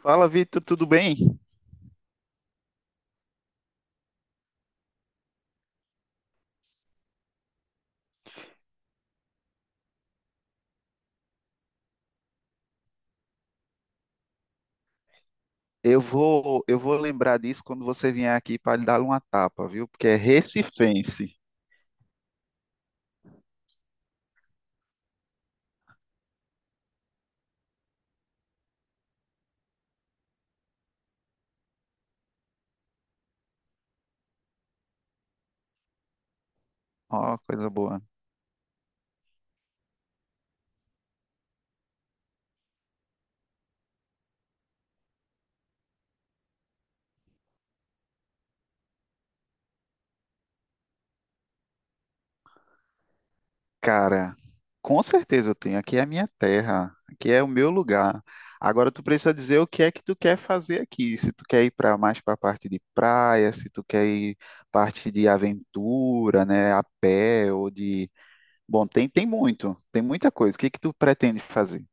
Fala, Vitor, tudo bem? Eu vou lembrar disso quando você vier aqui para lhe dar uma tapa, viu? Porque é recifense. Ó, coisa boa. Cara, com certeza eu tenho. Aqui é a minha terra, aqui é o meu lugar. Agora tu precisa dizer o que é que tu quer fazer aqui. Se tu quer ir para mais para a parte de praia, se tu quer ir parte de aventura, né, a pé ou de, bom, tem muito, tem muita coisa. O que é que tu pretende fazer?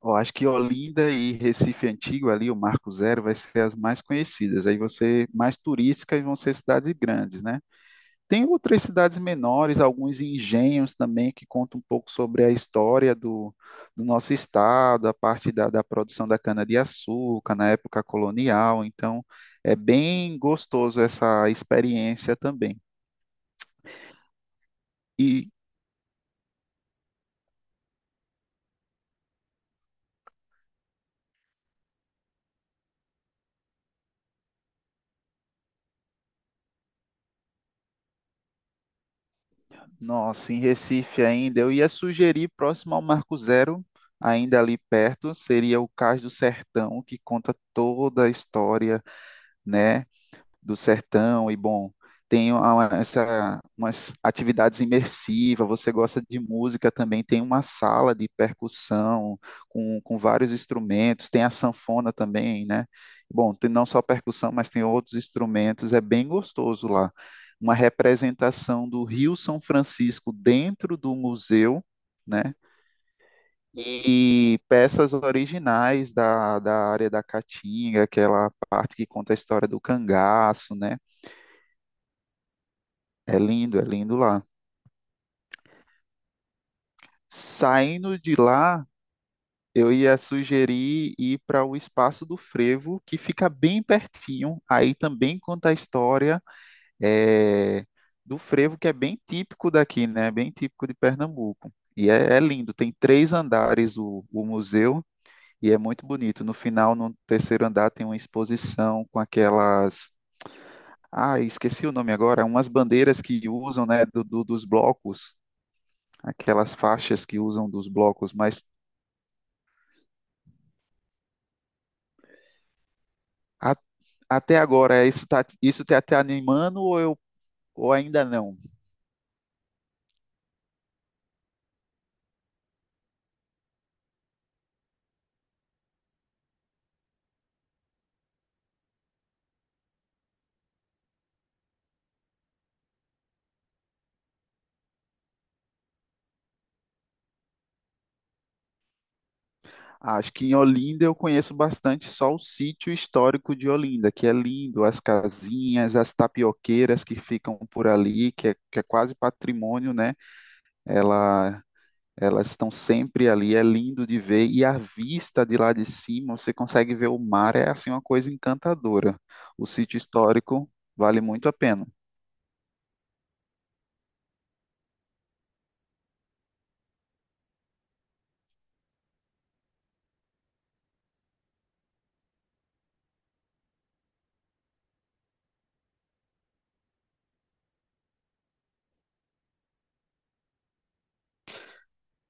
Ó, acho que Olinda e Recife Antigo ali, o Marco Zero vai ser as mais conhecidas. Aí você mais turísticas e vão ser cidades grandes, né? Tem outras cidades menores, alguns engenhos também, que contam um pouco sobre a história do nosso estado, a parte da produção da cana-de-açúcar na época colonial. Então, é bem gostoso essa experiência também. E, nossa, em Recife ainda, eu ia sugerir próximo ao Marco Zero, ainda ali perto, seria o Cais do Sertão, que conta toda a história, né? Do sertão e bom, tem uma- essa, umas atividades imersivas, você gosta de música também, tem uma sala de percussão com vários instrumentos, tem a sanfona também, né? Bom, tem não só percussão, mas tem outros instrumentos, é bem gostoso lá. Uma representação do Rio São Francisco dentro do museu, né? E peças originais da área da Caatinga, aquela parte que conta a história do cangaço, né? É lindo lá. Saindo de lá, eu ia sugerir ir para o Espaço do Frevo, que fica bem pertinho. Aí também conta a história eh, do frevo, que é bem típico daqui, né? Bem típico de Pernambuco. E é, é lindo, tem 3 andares o museu e é muito bonito. No final, no terceiro andar, tem uma exposição com aquelas. Ah, esqueci o nome agora, umas bandeiras que usam, né, do, do- dos blocos. Aquelas faixas que usam dos blocos, mas a- até agora é isso, está isso tá te animando ou eu ou ainda não? Acho que em Olinda eu conheço bastante só o sítio histórico de Olinda, que é lindo, as casinhas, as tapioqueiras que ficam por ali, que é quase patrimônio, né? Ela elas estão sempre ali, é lindo de ver, e a vista de lá de cima, você consegue ver o mar, é assim uma coisa encantadora. O sítio histórico vale muito a pena.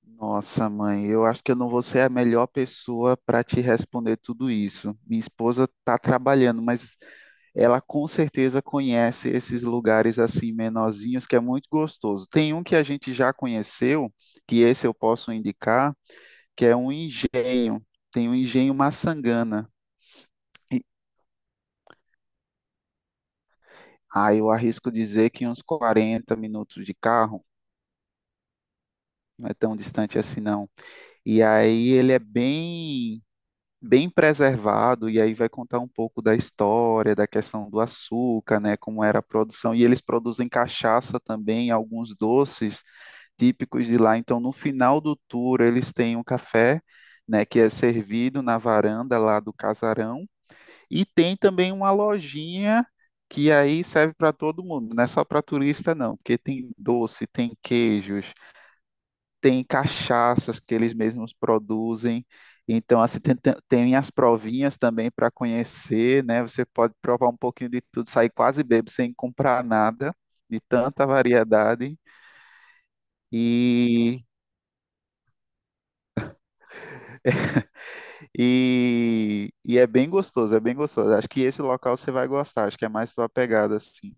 Nossa, mãe, eu acho que eu não vou ser a melhor pessoa para te responder tudo isso. Minha esposa está trabalhando, mas ela com certeza conhece esses lugares assim menorzinhos que é muito gostoso. Tem um que a gente já conheceu, que esse eu posso indicar, que é um engenho. Tem um engenho Maçangana. E, ah, eu arrisco dizer que uns 40 minutos de carro, não é tão distante assim não. E aí ele é bem bem preservado, e aí vai contar um pouco da história, da questão do açúcar, né, como era a produção, e eles produzem cachaça também, alguns doces típicos de lá. Então, no final do tour, eles têm um café, né, que é servido na varanda lá do casarão, e tem também uma lojinha que aí serve para todo mundo, não é só para turista não, porque tem doce, tem queijos, tem cachaças que eles mesmos produzem. Então, assim, tem, tem- tem as provinhas também para conhecer, né? Você pode provar um pouquinho de tudo, sair quase bêbado sem comprar nada, de tanta variedade. E, e é bem gostoso, é bem gostoso. Acho que esse local você vai gostar, acho que é mais sua pegada, assim.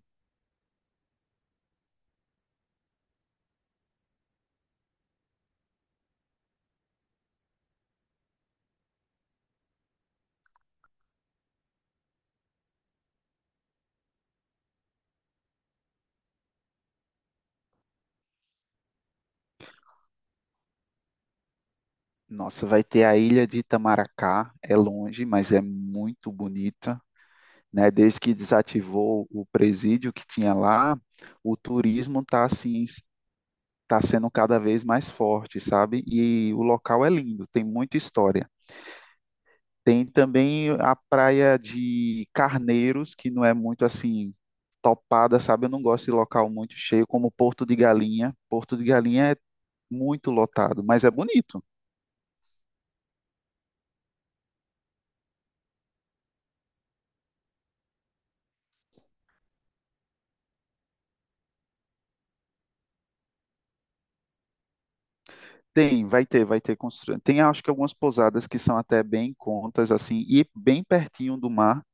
Nossa, vai ter a Ilha de Itamaracá, é longe, mas é muito bonita. Né? Desde que desativou o presídio que tinha lá, o turismo está assim, tá sendo cada vez mais forte, sabe? E o local é lindo, tem muita história. Tem também a praia de Carneiros, que não é muito assim topada, sabe? Eu não gosto de local muito cheio, como Porto de Galinha. Porto de Galinha é muito lotado, mas é bonito. Tem, vai ter construção. Tem, acho que algumas pousadas que são até bem em contas, assim, e bem pertinho do mar.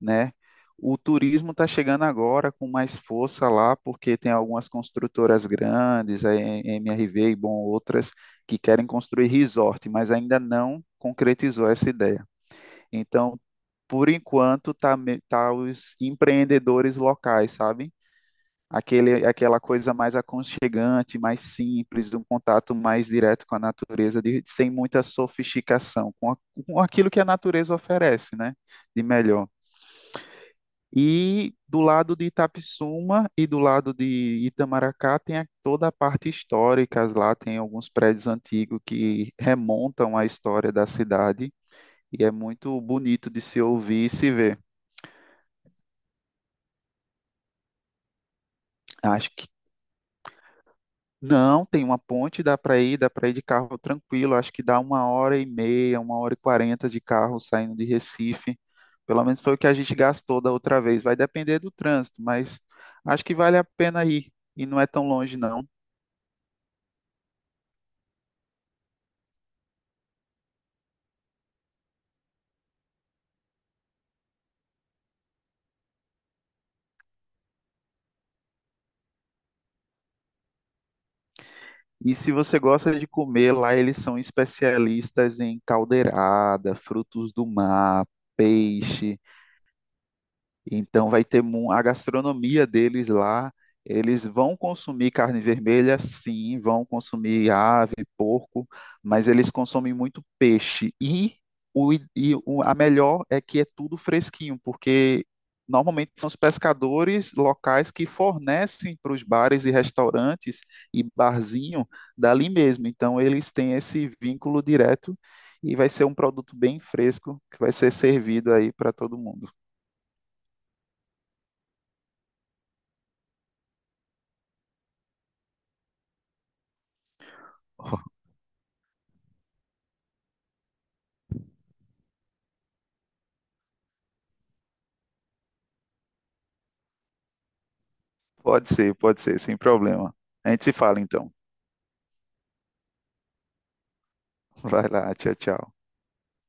Né? O turismo está chegando agora com mais força lá, porque tem algumas construtoras grandes, a MRV e bom, outras, que querem construir resort, mas ainda não concretizou essa ideia. Então, por enquanto, tá, me- tá os empreendedores locais, sabe? Aquele, aquela coisa mais aconchegante, mais simples, um contato mais direto com a natureza, de- sem muita sofisticação, com, a- com aquilo que a natureza oferece, né? De melhor. E do lado de Itapissuma e do lado de Itamaracá tem a- toda a parte histórica lá, tem alguns prédios antigos que remontam à história da cidade e é muito bonito de se ouvir e se ver. Acho que não, tem uma ponte, dá para ir de carro tranquilo, acho que dá 1 hora e meia, 1 hora e 40 de carro saindo de Recife. Pelo menos foi o que a gente gastou da outra vez. Vai depender do trânsito, mas acho que vale a pena ir e não é tão longe não. E se você gosta de comer, lá eles são especialistas em caldeirada, frutos do mar, peixe. Então vai ter mu- a gastronomia deles lá. Eles vão consumir carne vermelha, sim, vão consumir ave, porco, mas eles consomem muito peixe. E, o, i- e o- a melhor é que é tudo fresquinho, porque normalmente são os pescadores locais que fornecem para os bares e restaurantes e barzinho dali mesmo. Então eles têm esse vínculo direto e vai ser um produto bem fresco que vai ser servido aí para todo mundo. Pode ser, sem problema. A gente se fala então. Vai lá, tchau, tchau.